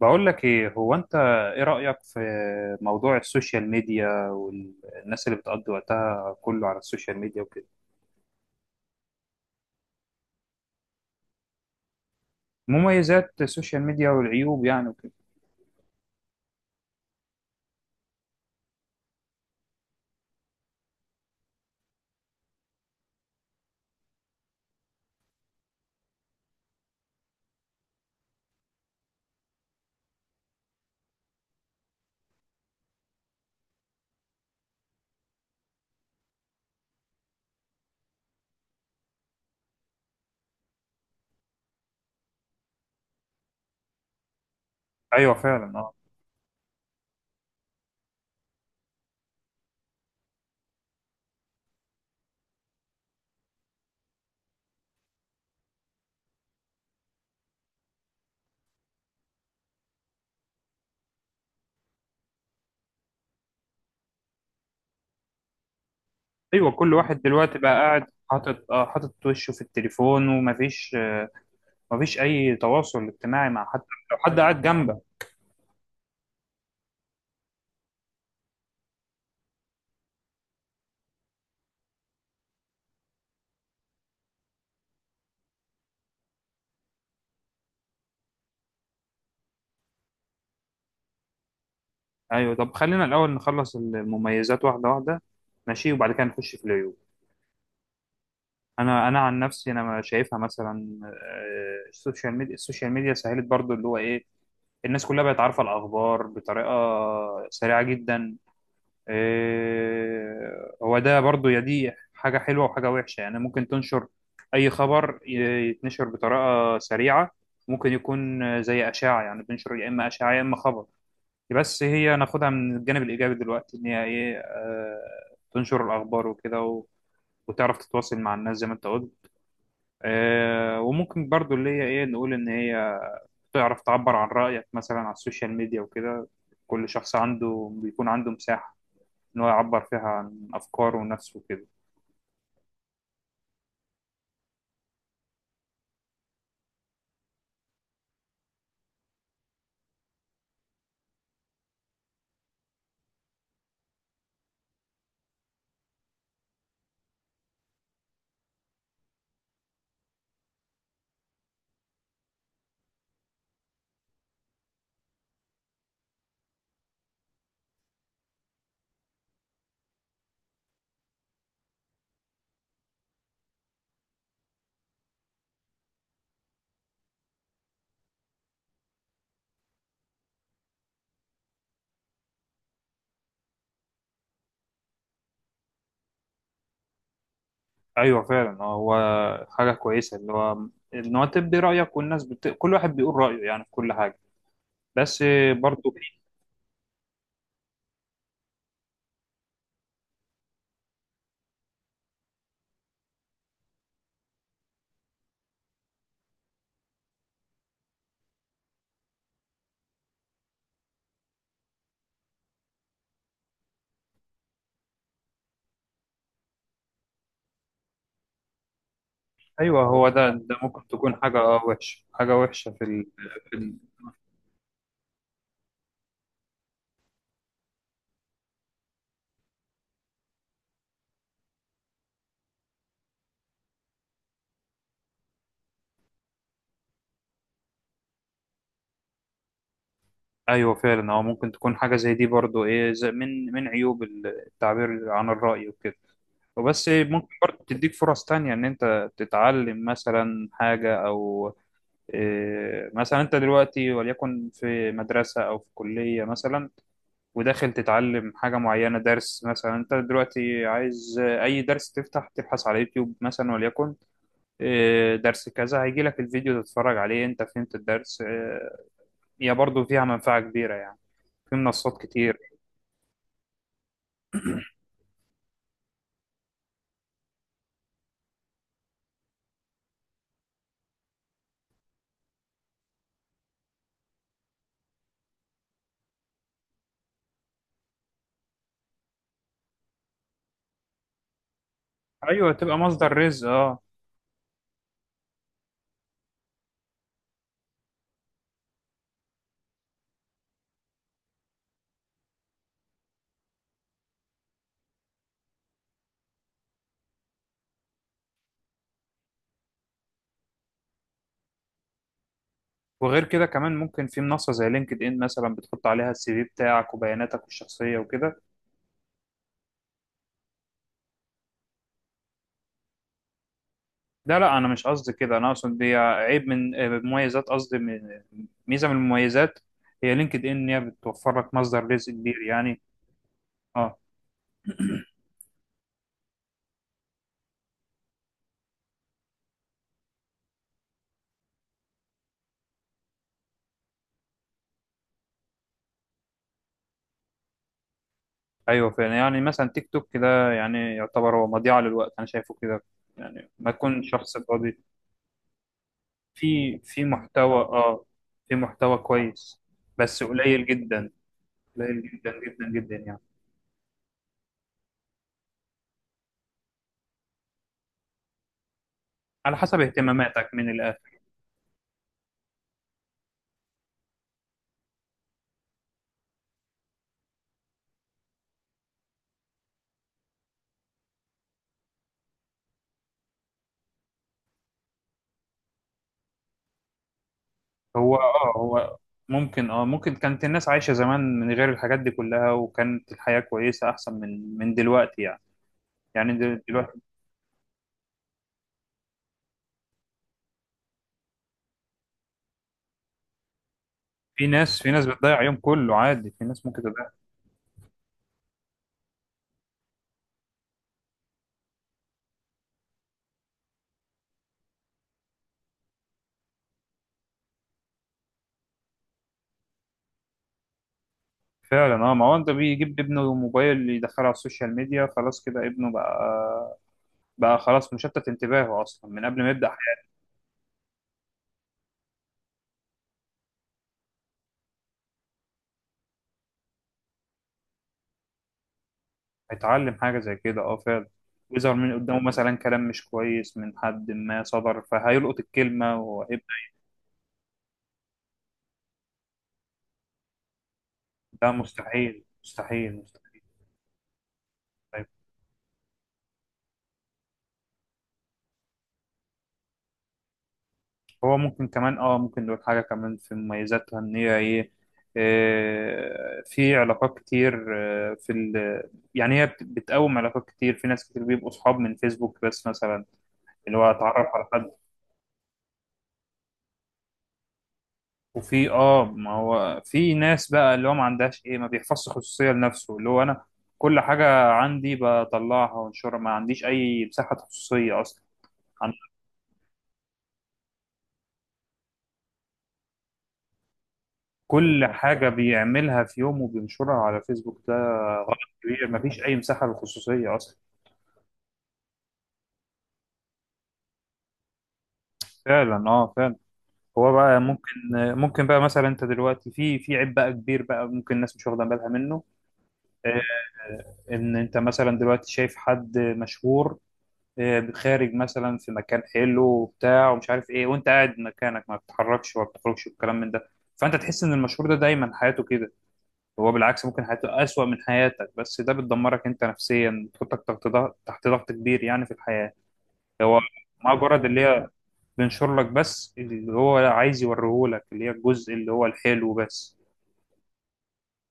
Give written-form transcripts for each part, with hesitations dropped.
بقول لك ايه، هو انت ايه رأيك في موضوع السوشيال ميديا والناس اللي بتقضي وقتها كله على السوشيال ميديا وكده؟ مميزات السوشيال ميديا والعيوب يعني وكده. ايوه فعلا، اه. ايوه، كل واحد دلوقتي بقى قاعد حاطط وشه في التليفون، ومفيش آه مفيش اي تواصل اجتماعي مع حد لو حد قاعد جنبك. ايوه، طب خلينا الاول نخلص المميزات واحدة واحدة، ماشي، وبعد كده نخش في العيوب. انا عن نفسي، انا ما شايفها مثلا، السوشيال ميديا سهلت برضو اللي هو ايه، الناس كلها بقت عارفه الاخبار بطريقه سريعه جدا. هو ده برضو، يا دي حاجه حلوه وحاجه وحشه، يعني ممكن تنشر اي خبر، يتنشر بطريقه سريعه. ممكن يكون زي اشاعه، يعني تنشر يا اما اشاعه يا اما خبر. بس هي ناخدها من الجانب الايجابي دلوقتي، ان هي ايه، تنشر الاخبار وكده، وتعرف تتواصل مع الناس زي ما انت قلت. وممكن برضو اللي هي ايه، نقول ان هي تعرف تعبر عن رأيك مثلا على السوشيال ميديا وكده. كل شخص عنده بيكون عنده مساحة ان هو يعبر فيها عن افكاره ونفسه وكده. ايوه فعلا، هو حاجة كويسة اللي هو ان هو تبدي رأيك، والناس كل واحد بيقول رأيه يعني في كل حاجة، بس برضو. ايوه، هو ده ممكن تكون حاجة وحشة. في ال... ايوه فعلا، هو ممكن تكون حاجه زي دي برضو، ايه، زي من عيوب التعبير عن الراي وكده وبس. ممكن برضو تديك فرص تانية إن أنت تتعلم مثلا حاجة، أو مثلا أنت دلوقتي وليكن في مدرسة أو في كلية مثلا، وداخل تتعلم حاجة معينة، درس مثلا. أنت دلوقتي عايز أي درس، تفتح تبحث على يوتيوب مثلا وليكن درس كذا، هيجي لك الفيديو تتفرج عليه أنت فهمت الدرس. هي برضو فيها منفعة كبيرة يعني، في منصات كتير. ايوه تبقى مصدر رزق، اه. وغير كده كمان، ممكن في منصة زي لينكد ان مثلا بتحط عليها السي في بتاعك وبياناتك الشخصية وكده. ده لا، انا مش قصدي كده، انا اقصد دي عيب من، مميزات قصدي ميزة من المميزات. هي لينكد ان إن هي بتوفر لك مصدر رزق كبير يعني، اه. ايوه فعلا، يعني مثلا تيك توك ده، يعني يعتبر هو مضيعة للوقت، انا شايفه كده، يعني ما تكون شخص فاضي. في محتوى، اه، في محتوى كويس، بس قليل جدا، قليل جدا جدا جدا يعني. على حسب اهتماماتك من الاخر. هو ممكن كانت الناس عايشة زمان من غير الحاجات دي كلها، وكانت الحياة كويسة احسن من دلوقتي يعني، يعني دلوقتي. في ناس بتضيع يوم كله عادي، في ناس ممكن تضيع. فعلا، اه، ما هو انت بيجيب ابنه موبايل يدخله على السوشيال ميديا، خلاص كده ابنه بقى، خلاص مشتت انتباهه اصلا من قبل ما يبدأ. هيتعلم حاجة زي كده، اه فعلا. ويظهر من قدامه مثلا كلام مش كويس من حد ما صدر، فهيلقط الكلمة وهيبقى. ده مستحيل، مستحيل، مستحيل. طيب، هو ممكن كمان، اه، ممكن نقول حاجة كمان في مميزاتها، ان هي ايه، في علاقات كتير، آه، في ال... يعني هي بتقوم علاقات كتير، في ناس كتير بيبقوا صحاب من فيسبوك بس مثلا، اللي هو اتعرف على حد. وفي، اه، ما هو في ناس بقى اللي هو ما عندهاش ايه، ما بيحفظش خصوصية لنفسه، اللي هو انا كل حاجة عندي بطلعها وانشرها، ما عنديش اي مساحة خصوصية اصلا، عن كل حاجة بيعملها في يوم وبينشرها على فيسبوك. ده غلط كبير، ما فيش اي مساحة للخصوصية اصلا. فعلا، اه، فعلا. هو بقى ممكن، ممكن بقى مثلا، انت دلوقتي في عيب بقى كبير بقى، ممكن الناس مش واخدة بالها منه، آه، ان انت مثلا دلوقتي شايف حد مشهور، خارج مثلا في مكان حلو وبتاع، ومش عارف ايه، وانت قاعد مكانك ما بتتحركش وما بتخرجش والكلام من ده. فانت تحس ان المشهور ده دايما حياته كده، هو بالعكس ممكن حياته اسوأ من حياتك، بس ده بتدمرك انت نفسيا، بتحطك تحت ضغط، تحت ضغط كبير يعني في الحياة. هو مجرد اللي هي بينشر لك بس اللي هو عايز يوريهولك اللي هي الجزء اللي هو الحلو بس،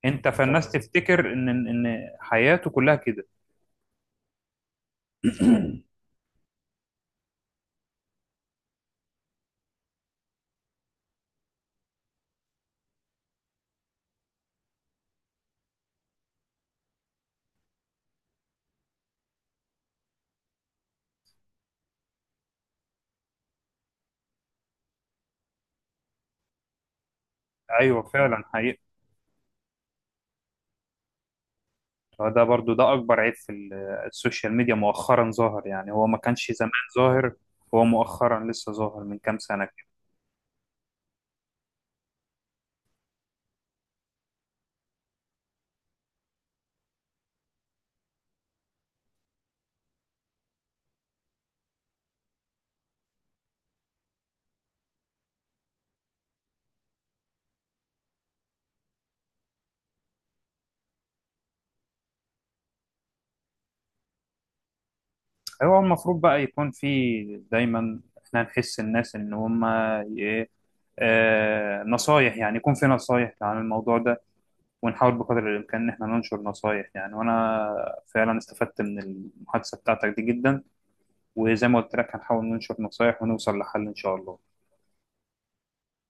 انت فالناس تمام تفتكر ان حياته كلها كده. ايوه فعلا حقيقة، هو ده برضو ده أكبر عيب في السوشيال ميديا، مؤخرا ظاهر يعني، هو ما كانش زمان ظاهر، هو مؤخرا لسه ظاهر من كام سنة كده. هو المفروض بقى يكون في دايما، احنا نحس الناس إن هم إيه آه نصايح يعني يكون في نصايح عن الموضوع ده، ونحاول بقدر الإمكان إن احنا ننشر نصايح يعني، وأنا فعلا استفدت من المحادثة بتاعتك دي جدا، وزي ما قلت لك هنحاول ننشر نصايح ونوصل لحل إن شاء الله.